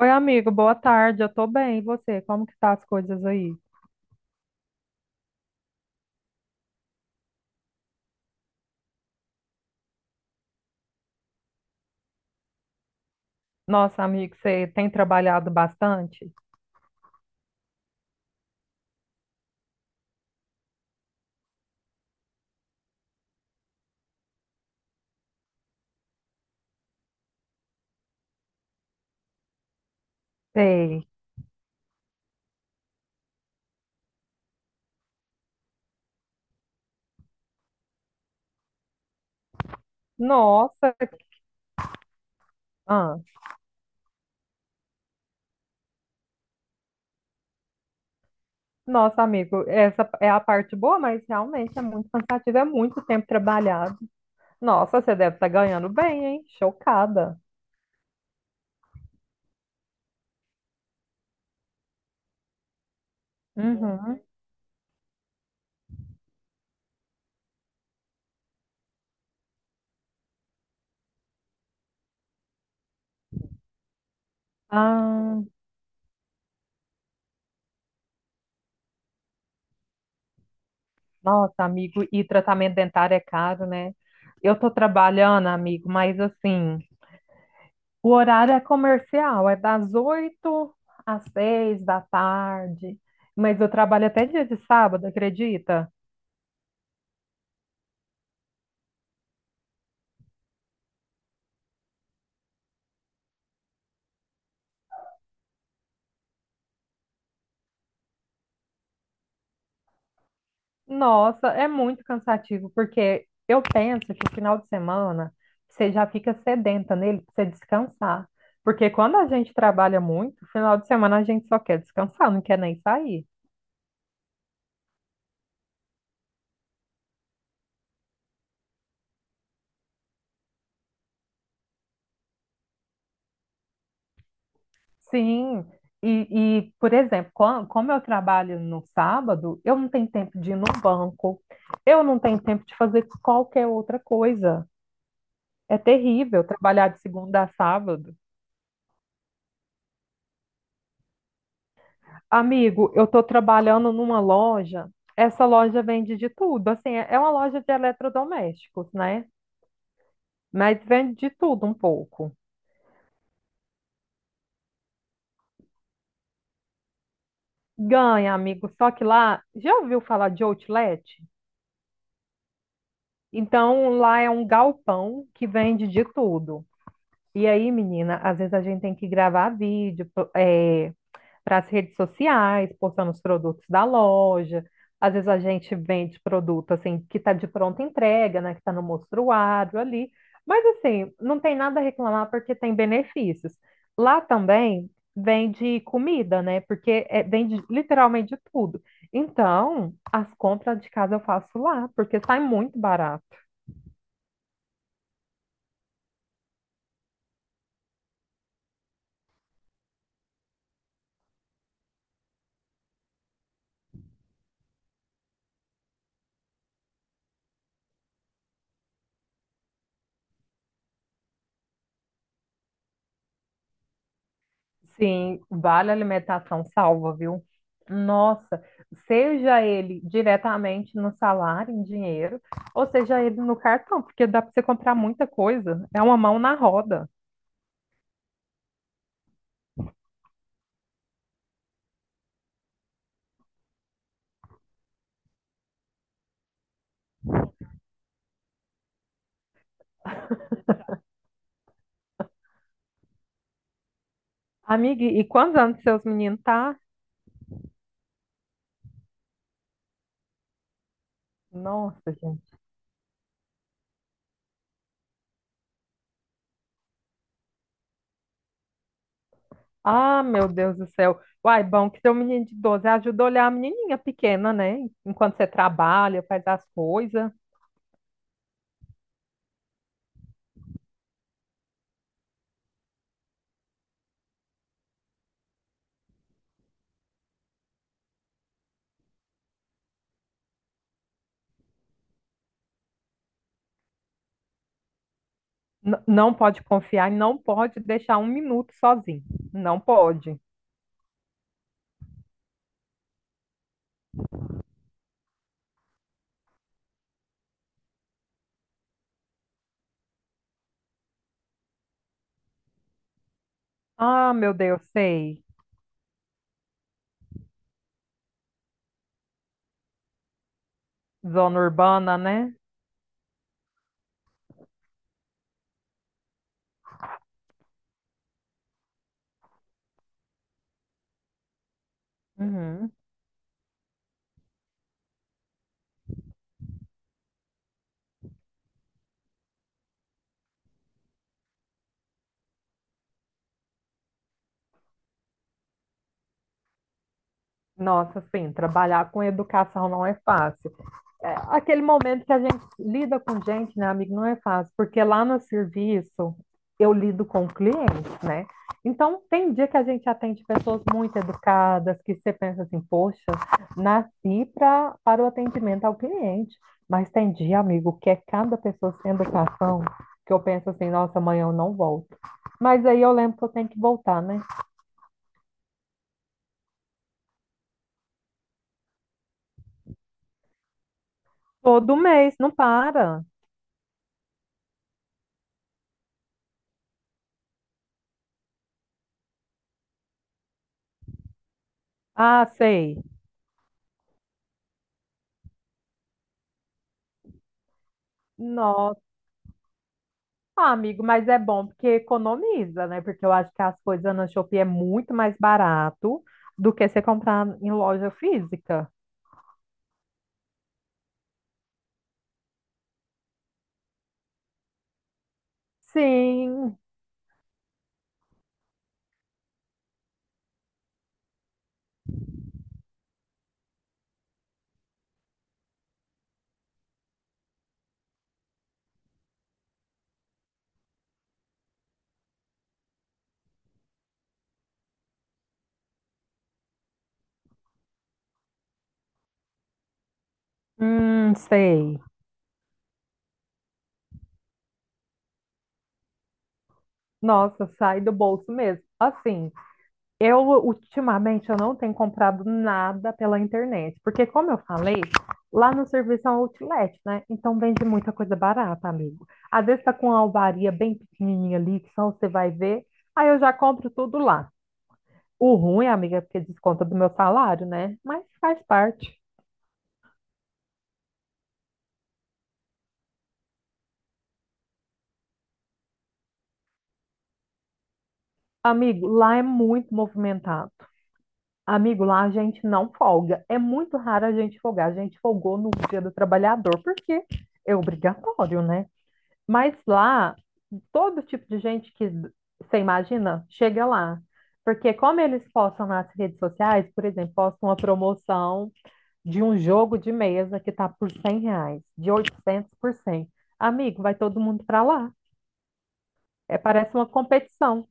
Oi, amigo, boa tarde. Eu tô bem. E você? Como que tá as coisas aí? Nossa, amigo, você tem trabalhado bastante? Sei. Nossa, ah, nossa, amigo, essa é a parte boa, mas realmente é muito cansativo, é muito tempo trabalhado. Nossa, você deve estar ganhando bem, hein? Chocada. Uhum. Ah, nossa, amigo, e tratamento dentário é caro, né? Eu tô trabalhando, amigo, mas assim. O horário é comercial, é das 8 às 6 da tarde. Mas eu trabalho até dia de sábado, acredita? Nossa, é muito cansativo, porque eu penso que o final de semana você já fica sedenta nele para você descansar. Porque quando a gente trabalha muito, final de semana a gente só quer descansar, não quer nem sair. Sim, por exemplo, como eu trabalho no sábado, eu não tenho tempo de ir no banco, eu não tenho tempo de fazer qualquer outra coisa. É terrível trabalhar de segunda a sábado. Amigo, eu estou trabalhando numa loja, essa loja vende de tudo, assim, é uma loja de eletrodomésticos, né? Mas vende de tudo um pouco. Ganha, amigo, só que lá, já ouviu falar de outlet? Então, lá é um galpão que vende de tudo. E aí, menina, às vezes a gente tem que gravar vídeo para as redes sociais, postando os produtos da loja. Às vezes a gente vende produto assim que está de pronta entrega, né? Que está no mostruário ali. Mas assim, não tem nada a reclamar porque tem benefícios. Lá também vende comida, né? Porque é, vende literalmente de tudo. Então, as compras de casa eu faço lá, porque sai muito barato. Sim, vale a alimentação salva, viu? Nossa, seja ele diretamente no salário, em dinheiro, ou seja ele no cartão, porque dá para você comprar muita coisa. É uma mão na roda. Amiga, e quantos anos seus meninos tá? Nossa, gente. Ah, meu Deus do céu. Uai, bom que seu menino de 12 ajuda a olhar a menininha pequena, né? Enquanto você trabalha, faz as coisas. Não pode confiar e não pode deixar um minuto sozinho. Não pode. Ah, meu Deus, sei. Zona urbana, né? Uhum. Nossa, sim, trabalhar com educação não é fácil. É, aquele momento que a gente lida com gente, né, amigo, não é fácil, porque lá no serviço eu lido com clientes, né? Então, tem dia que a gente atende pessoas muito educadas, que você pensa assim, poxa, para o atendimento ao cliente. Mas tem dia, amigo, que é cada pessoa sem educação, que eu penso assim, nossa, amanhã eu não volto. Mas aí eu lembro que eu tenho que voltar, né? Todo mês, não para. Ah, sei. Nossa, ah, amigo, mas é bom porque economiza, né? Porque eu acho que as coisas na Shopee é muito mais barato do que você comprar em loja física. Sim, sei. Nossa, sai do bolso mesmo. Assim, eu, ultimamente, eu não tenho comprado nada pela internet, porque, como eu falei, lá no serviço é um outlet, né? Então vende muita coisa barata, amigo. Às vezes tá com uma alvaria bem pequenininha ali, que só você vai ver, aí eu já compro tudo lá. O ruim, amiga, é porque desconta do meu salário, né? Mas faz parte. Amigo, lá é muito movimentado. Amigo, lá a gente não folga. É muito raro a gente folgar. A gente folgou no Dia do Trabalhador, porque é obrigatório, né? Mas lá todo tipo de gente que você imagina chega lá. Porque como eles postam nas redes sociais, por exemplo, postam uma promoção de um jogo de mesa que está por R$ 100, de 800 por cem. Amigo, vai todo mundo para lá. É, parece uma competição.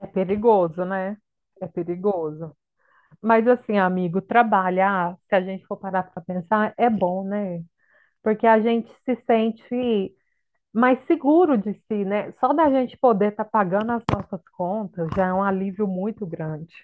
É perigoso, né? É perigoso. Mas assim, amigo, trabalhar, se a gente for parar para pensar, é bom, né? Porque a gente se sente mais seguro de si, né? Só da gente poder estar pagando as nossas contas já é um alívio muito grande.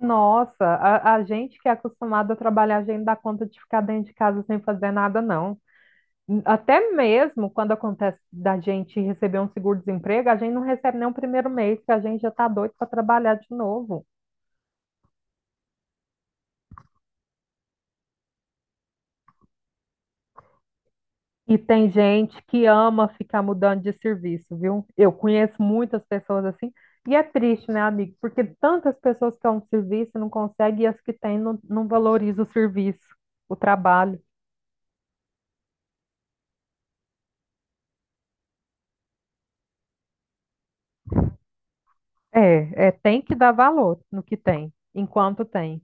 Nossa, a gente que é acostumado a trabalhar, a gente dá conta de ficar dentro de casa sem fazer nada, não. Até mesmo quando acontece da gente receber um seguro-desemprego, a gente não recebe nem o primeiro mês, que a gente já está doido para trabalhar de novo. E tem gente que ama ficar mudando de serviço, viu? Eu conheço muitas pessoas assim, e é triste, né, amigo? Porque tantas pessoas que é um serviço e não conseguem, e as que têm não, não valorizam o serviço, o trabalho. É, é, tem que dar valor no que tem, enquanto tem.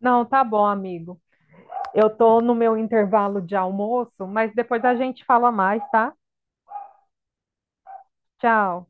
Não, tá bom, amigo. Eu tô no meu intervalo de almoço, mas depois a gente fala mais, tá? Tchau.